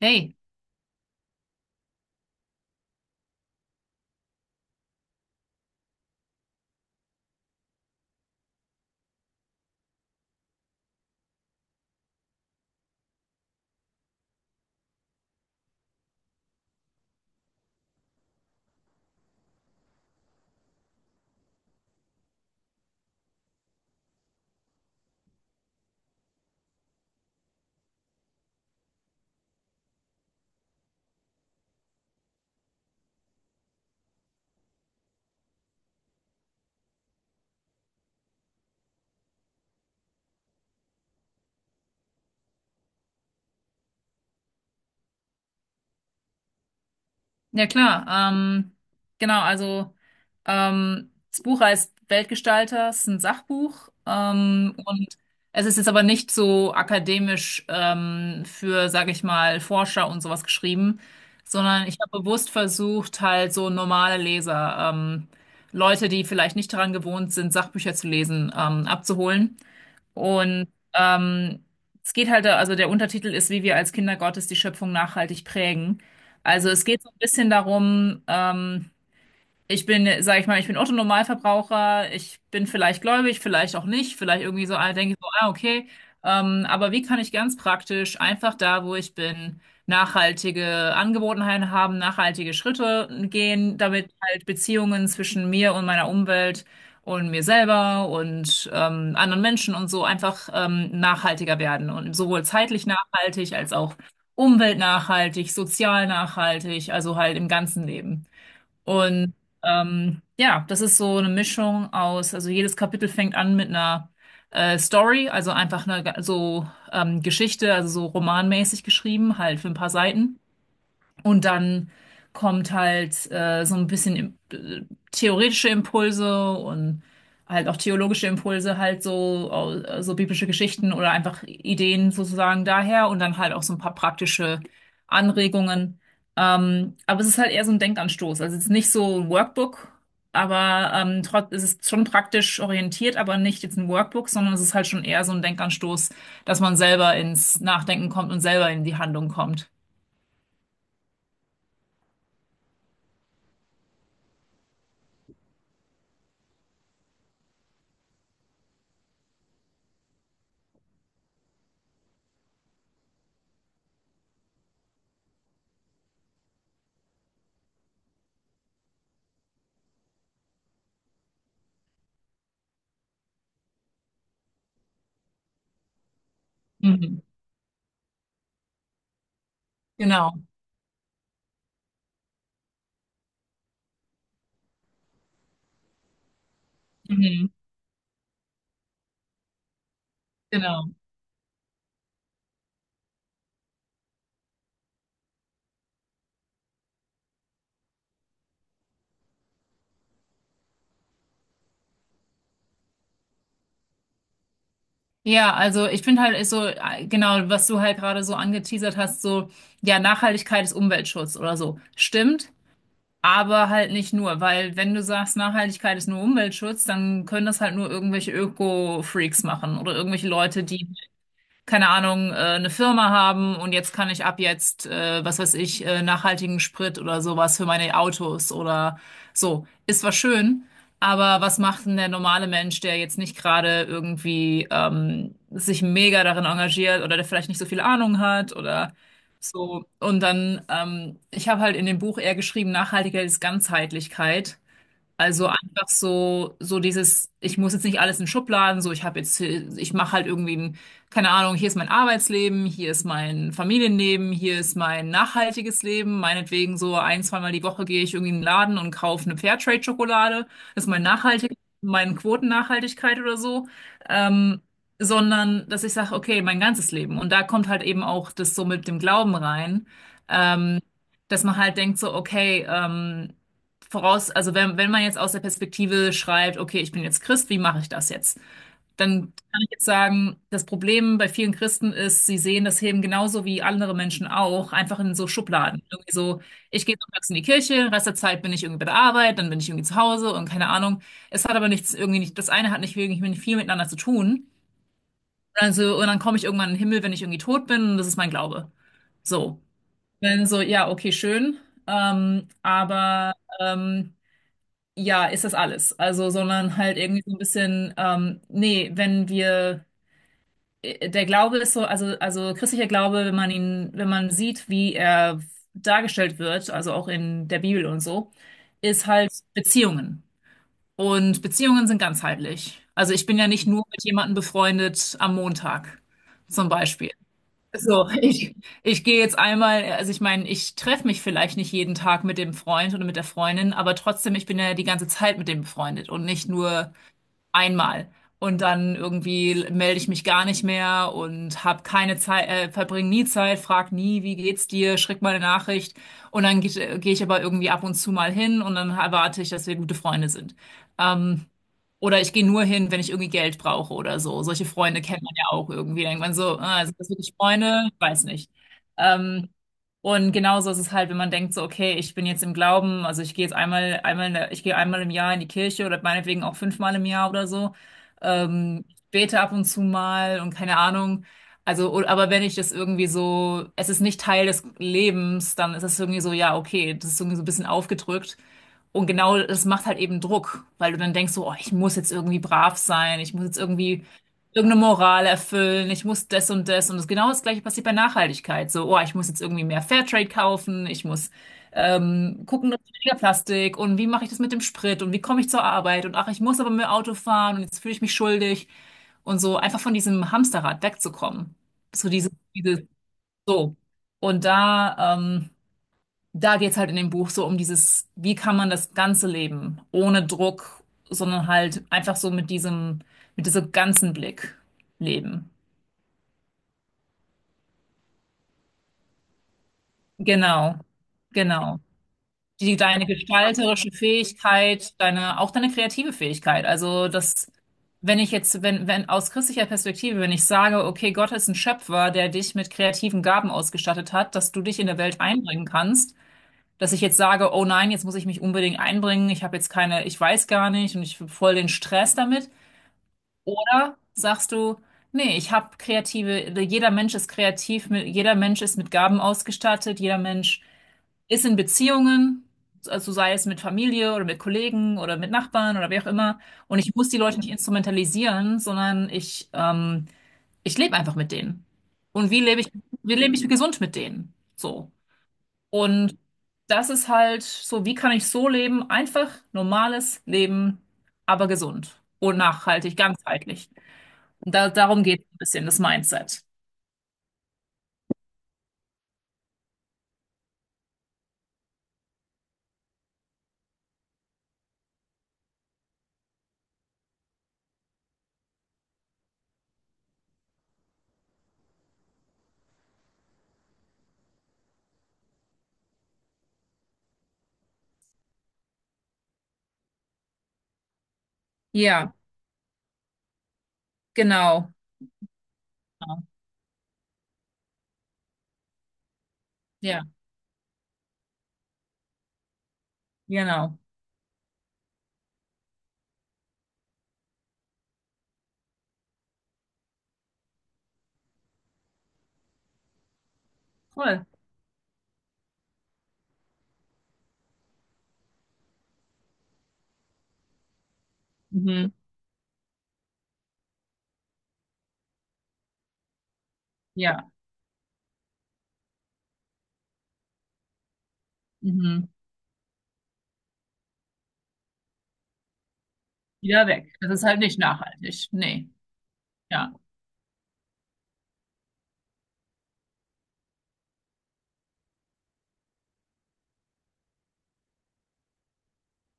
Hey, ja klar. Genau, also das Buch heißt Weltgestalter, es ist ein Sachbuch und es ist jetzt aber nicht so akademisch für, sage ich mal, Forscher und sowas geschrieben, sondern ich habe bewusst versucht, halt so normale Leser, Leute, die vielleicht nicht daran gewohnt sind, Sachbücher zu lesen, abzuholen. Und ähm, es geht halt, also der Untertitel ist, wie wir als Kinder Gottes die Schöpfung nachhaltig prägen. Also es geht so ein bisschen darum, ich bin, sag ich mal, ich bin Otto-Normalverbraucher, ich bin vielleicht gläubig, vielleicht auch nicht, vielleicht irgendwie so, ah, denke ich so, ah, okay. Aber wie kann ich ganz praktisch einfach da, wo ich bin, nachhaltige Angewohnheiten haben, nachhaltige Schritte gehen, damit halt Beziehungen zwischen mir und meiner Umwelt und mir selber und anderen Menschen und so einfach nachhaltiger werden und sowohl zeitlich nachhaltig als auch umweltnachhaltig, sozial nachhaltig, also halt im ganzen Leben. Und ja, das ist so eine Mischung aus, also jedes Kapitel fängt an mit einer Story, also einfach so Geschichte, also so romanmäßig geschrieben, halt für ein paar Seiten. Und dann kommt halt so ein bisschen theoretische Impulse und halt auch theologische Impulse, halt so, so biblische Geschichten oder einfach Ideen sozusagen daher und dann halt auch so ein paar praktische Anregungen. Aber es ist halt eher so ein Denkanstoß. Also es ist nicht so ein Workbook, aber es ist schon praktisch orientiert, aber nicht jetzt ein Workbook, sondern es ist halt schon eher so ein Denkanstoß, dass man selber ins Nachdenken kommt und selber in die Handlung kommt. Mhm. Genau. Mhm, genau. Ja, also ich finde halt ist so, genau, was du halt gerade so angeteasert hast, so, ja, Nachhaltigkeit ist Umweltschutz oder so. Stimmt, aber halt nicht nur, weil wenn du sagst, Nachhaltigkeit ist nur Umweltschutz, dann können das halt nur irgendwelche Öko-Freaks machen oder irgendwelche Leute, die keine Ahnung, eine Firma haben und jetzt kann ich ab jetzt, was weiß ich, nachhaltigen Sprit oder sowas für meine Autos oder so. Ist zwar schön, aber was macht denn der normale Mensch, der jetzt nicht gerade irgendwie sich mega darin engagiert oder der vielleicht nicht so viel Ahnung hat oder so. Und dann, ich habe halt in dem Buch eher geschrieben, Nachhaltigkeit ist Ganzheitlichkeit. Also einfach so, so dieses, ich muss jetzt nicht alles in Schubladen, so ich habe jetzt, ich mache halt irgendwie ein, keine Ahnung, hier ist mein Arbeitsleben, hier ist mein Familienleben, hier ist mein nachhaltiges Leben. Meinetwegen so ein, zweimal die Woche gehe ich irgendwie in den Laden und kaufe eine Fairtrade-Schokolade. Das ist mein nachhaltig, meine Quotennachhaltigkeit oder so. Ähm, Sondern, dass ich sage, okay, mein ganzes Leben. Und da kommt halt eben auch das so mit dem Glauben rein. Ähm, Dass man halt denkt so, okay, voraus, also wenn man jetzt aus der Perspektive schreibt, okay, ich bin jetzt Christ, wie mache ich das jetzt? Dann kann ich jetzt sagen, das Problem bei vielen Christen ist, sie sehen das Leben genauso wie andere Menschen auch, einfach in so Schubladen. Irgendwie so, ich gehe sonntags in die Kirche, den Rest der Zeit bin ich irgendwie bei der Arbeit, dann bin ich irgendwie zu Hause und keine Ahnung. Es hat aber nichts irgendwie nicht, das eine hat nicht wirklich nicht viel miteinander zu tun. Also, und dann komme ich irgendwann in den Himmel, wenn ich irgendwie tot bin, und das ist mein Glaube. So. Dann so, ja, okay, schön. Ähm, aber ähm, ja, ist das alles. Also, sondern halt irgendwie so ein bisschen, nee, wenn wir, der Glaube ist so, also christlicher Glaube, wenn man ihn, wenn man sieht, wie er dargestellt wird, also auch in der Bibel und so, ist halt Beziehungen. Und Beziehungen sind ganzheitlich. Also ich bin ja nicht nur mit jemandem befreundet am Montag, zum Beispiel. So, ich gehe jetzt einmal, also ich meine, ich treffe mich vielleicht nicht jeden Tag mit dem Freund oder mit der Freundin, aber trotzdem, ich bin ja die ganze Zeit mit dem befreundet und nicht nur einmal. Und dann irgendwie melde ich mich gar nicht mehr und habe keine Zeit, verbringe nie Zeit, frag nie, wie geht's dir, schick mal eine Nachricht. Und dann geh ich aber irgendwie ab und zu mal hin und dann erwarte ich, dass wir gute Freunde sind. Ähm, oder ich gehe nur hin, wenn ich irgendwie Geld brauche oder so. Solche Freunde kennt man ja auch irgendwie. Denkt man so, ah, sind das wirklich Freunde? Ich weiß nicht. Ähm, und genauso ist es halt, wenn man denkt so, okay, ich bin jetzt im Glauben, also ich gehe jetzt ich gehe einmal im Jahr in die Kirche oder meinetwegen auch fünfmal im Jahr oder so. Ich bete ab und zu mal und keine Ahnung. Also, aber wenn ich das irgendwie so, es ist nicht Teil des Lebens, dann ist es irgendwie so, ja, okay, das ist irgendwie so ein bisschen aufgedrückt. Und genau das macht halt eben Druck, weil du dann denkst so, oh, ich muss jetzt irgendwie brav sein, ich muss jetzt irgendwie irgendeine Moral erfüllen, ich muss das und das. Und das genau das Gleiche passiert bei Nachhaltigkeit. So, oh, ich muss jetzt irgendwie mehr Fairtrade kaufen, ich muss gucken, dass weniger Plastik und wie mache ich das mit dem Sprit und wie komme ich zur Arbeit und ach, ich muss aber mit dem Auto fahren und jetzt fühle ich mich schuldig und so einfach von diesem Hamsterrad wegzukommen. So diese, diese, so. Und da, da geht's halt in dem Buch so um dieses, wie kann man das Ganze leben, ohne Druck, sondern halt einfach so mit diesem ganzen Blick leben. Genau, genau. Die, deine gestalterische Fähigkeit, deine, auch deine kreative Fähigkeit. Also das, wenn ich jetzt, wenn, wenn aus christlicher Perspektive, wenn ich sage, okay, Gott ist ein Schöpfer, der dich mit kreativen Gaben ausgestattet hat, dass du dich in der Welt einbringen kannst, dass ich jetzt sage, oh nein, jetzt muss ich mich unbedingt einbringen, ich habe jetzt keine, ich weiß gar nicht und ich habe voll den Stress damit. Oder sagst du, nee, ich habe kreative, jeder Mensch ist kreativ, jeder Mensch ist mit Gaben ausgestattet, jeder Mensch ist in Beziehungen, also sei es mit Familie oder mit Kollegen oder mit Nachbarn oder wie auch immer. Und ich muss die Leute nicht instrumentalisieren, sondern ich, ich lebe einfach mit denen. Und wie lebe ich gesund mit denen? So. Und das ist halt so, wie kann ich so leben? Einfach normales Leben, aber gesund und nachhaltig, ganzheitlich. Und da, darum geht es ein bisschen, das Mindset. Ja, genau. Ja, genau. Cool. Mhm. Ja. Mhm. Wieder weg. Das ist halt nicht nachhaltig. Nee. Ja.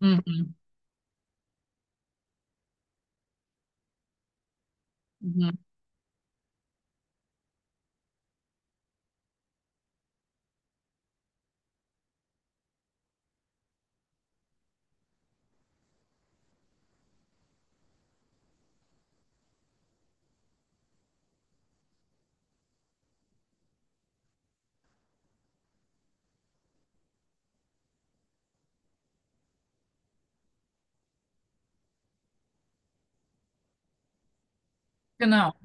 Mhm. Mhm. Genau.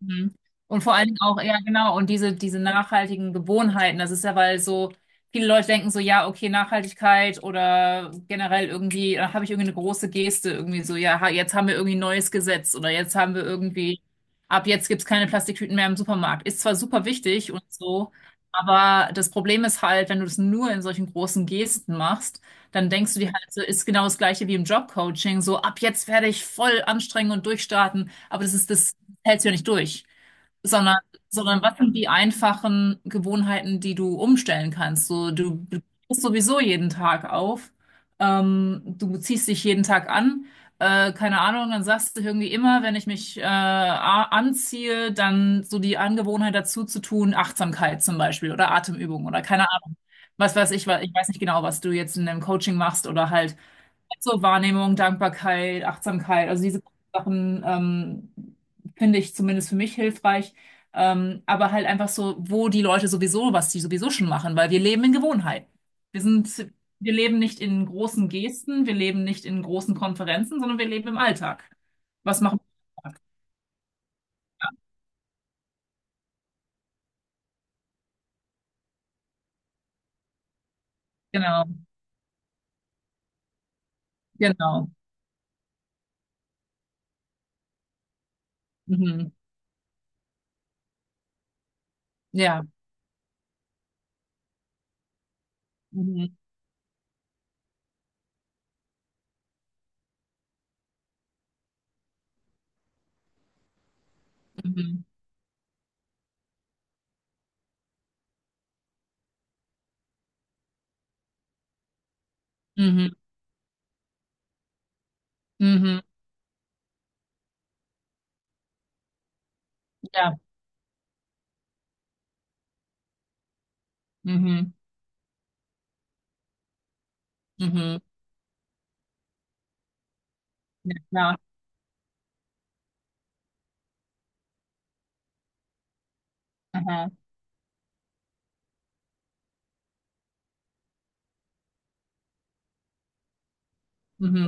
Mhm. Und vor allen Dingen auch, ja, genau, und diese, diese nachhaltigen Gewohnheiten, das ist ja, weil so viele Leute denken so, ja, okay, Nachhaltigkeit oder generell irgendwie, da habe ich irgendwie eine große Geste, irgendwie so, ja, jetzt haben wir irgendwie ein neues Gesetz oder jetzt haben wir irgendwie, ab jetzt gibt's keine Plastiktüten mehr im Supermarkt. Ist zwar super wichtig und so, aber das Problem ist halt, wenn du das nur in solchen großen Gesten machst, dann denkst du dir halt so, ist genau das Gleiche wie im Jobcoaching, so ab jetzt werde ich voll anstrengen und durchstarten, aber das ist das hältst du ja nicht durch, sondern, sondern was sind die einfachen Gewohnheiten, die du umstellen kannst? So, du stehst sowieso jeden Tag auf, du ziehst dich jeden Tag an, keine Ahnung, dann sagst du irgendwie immer, wenn ich mich anziehe, dann so die Angewohnheit dazu zu tun, Achtsamkeit zum Beispiel oder Atemübung oder keine Ahnung. Was weiß ich, ich weiß nicht genau, was du jetzt in deinem Coaching machst oder halt so Wahrnehmung, Dankbarkeit, Achtsamkeit, also diese Sachen finde ich zumindest für mich hilfreich. Aber halt einfach so, wo die Leute sowieso, was die sowieso schon machen, weil wir leben in Gewohnheiten. Wir sind, wir leben nicht in großen Gesten, wir leben nicht in großen Konferenzen, sondern wir leben im Alltag. Was machen wir? Genau, genau. Mhm. Ja. Mhm. Mhm. Mhm. Mhm. Ja. Mhm. Mhm. Ja, klar. Aha. Mhm.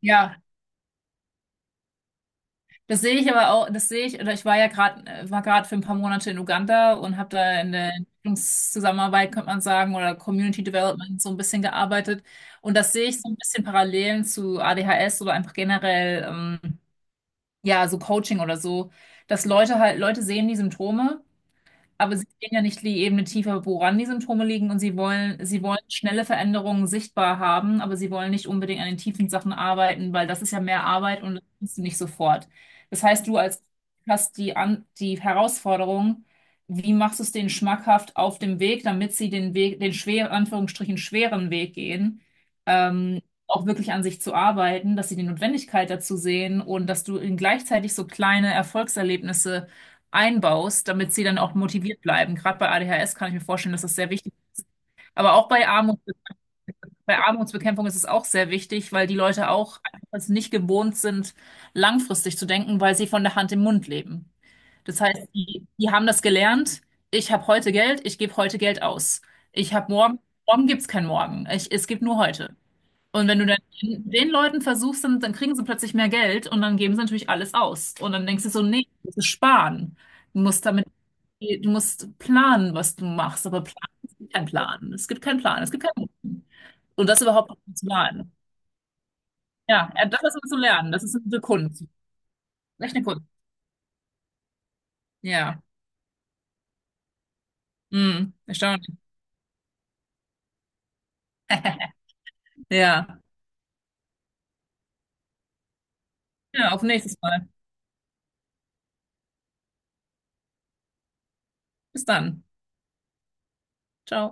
Ja, das sehe ich aber auch, das sehe ich, oder ich war ja gerade, war gerade für ein paar Monate in Uganda und habe da in der Entwicklungszusammenarbeit, könnte man sagen, oder Community Development so ein bisschen gearbeitet. Und das sehe ich so ein bisschen Parallelen zu ADHS oder einfach generell, ja, so Coaching oder so, dass Leute halt, Leute sehen die Symptome. Aber sie gehen ja nicht die Ebene tiefer, woran die Symptome liegen und sie wollen schnelle Veränderungen sichtbar haben, aber sie wollen nicht unbedingt an den tiefen Sachen arbeiten, weil das ist ja mehr Arbeit und das kannst du nicht sofort. Das heißt, du als hast die, an, die Herausforderung, wie machst du es denen schmackhaft auf dem Weg, damit sie den Weg, den schweren, Anführungsstrichen schweren Weg gehen, ähm, auch wirklich an sich zu arbeiten, dass sie die Notwendigkeit dazu sehen und dass du ihnen gleichzeitig so kleine Erfolgserlebnisse einbaust, damit sie dann auch motiviert bleiben. Gerade bei ADHS kann ich mir vorstellen, das ist sehr wichtig. Aber auch bei Armut, bei Armutsbekämpfung ist es auch sehr wichtig, weil die Leute auch einfach es nicht gewohnt sind, langfristig zu denken, weil sie von der Hand im Mund leben. Das heißt, die, die haben das gelernt. Ich habe heute Geld, ich gebe heute Geld aus. Ich habe morgen, morgen gibt es kein Morgen. Ich, es gibt nur heute. Und wenn du dann den Leuten versuchst, dann, dann kriegen sie plötzlich mehr Geld und dann geben sie natürlich alles aus. Und dann denkst du so, nee, das ist sparen. Du musst damit, du musst planen, was du machst. Aber planen, es gibt keinen Plan. Es gibt keinen Plan. Es gibt keinen Und das überhaupt noch zu lernen. Ja, ja, das ist immer zu lernen. Das ist eine Kunst. Echt eine Kunst. Ja. Mm, erstaunlich. Ja. Ja, auf nächstes Mal. Bis dann. Ciao.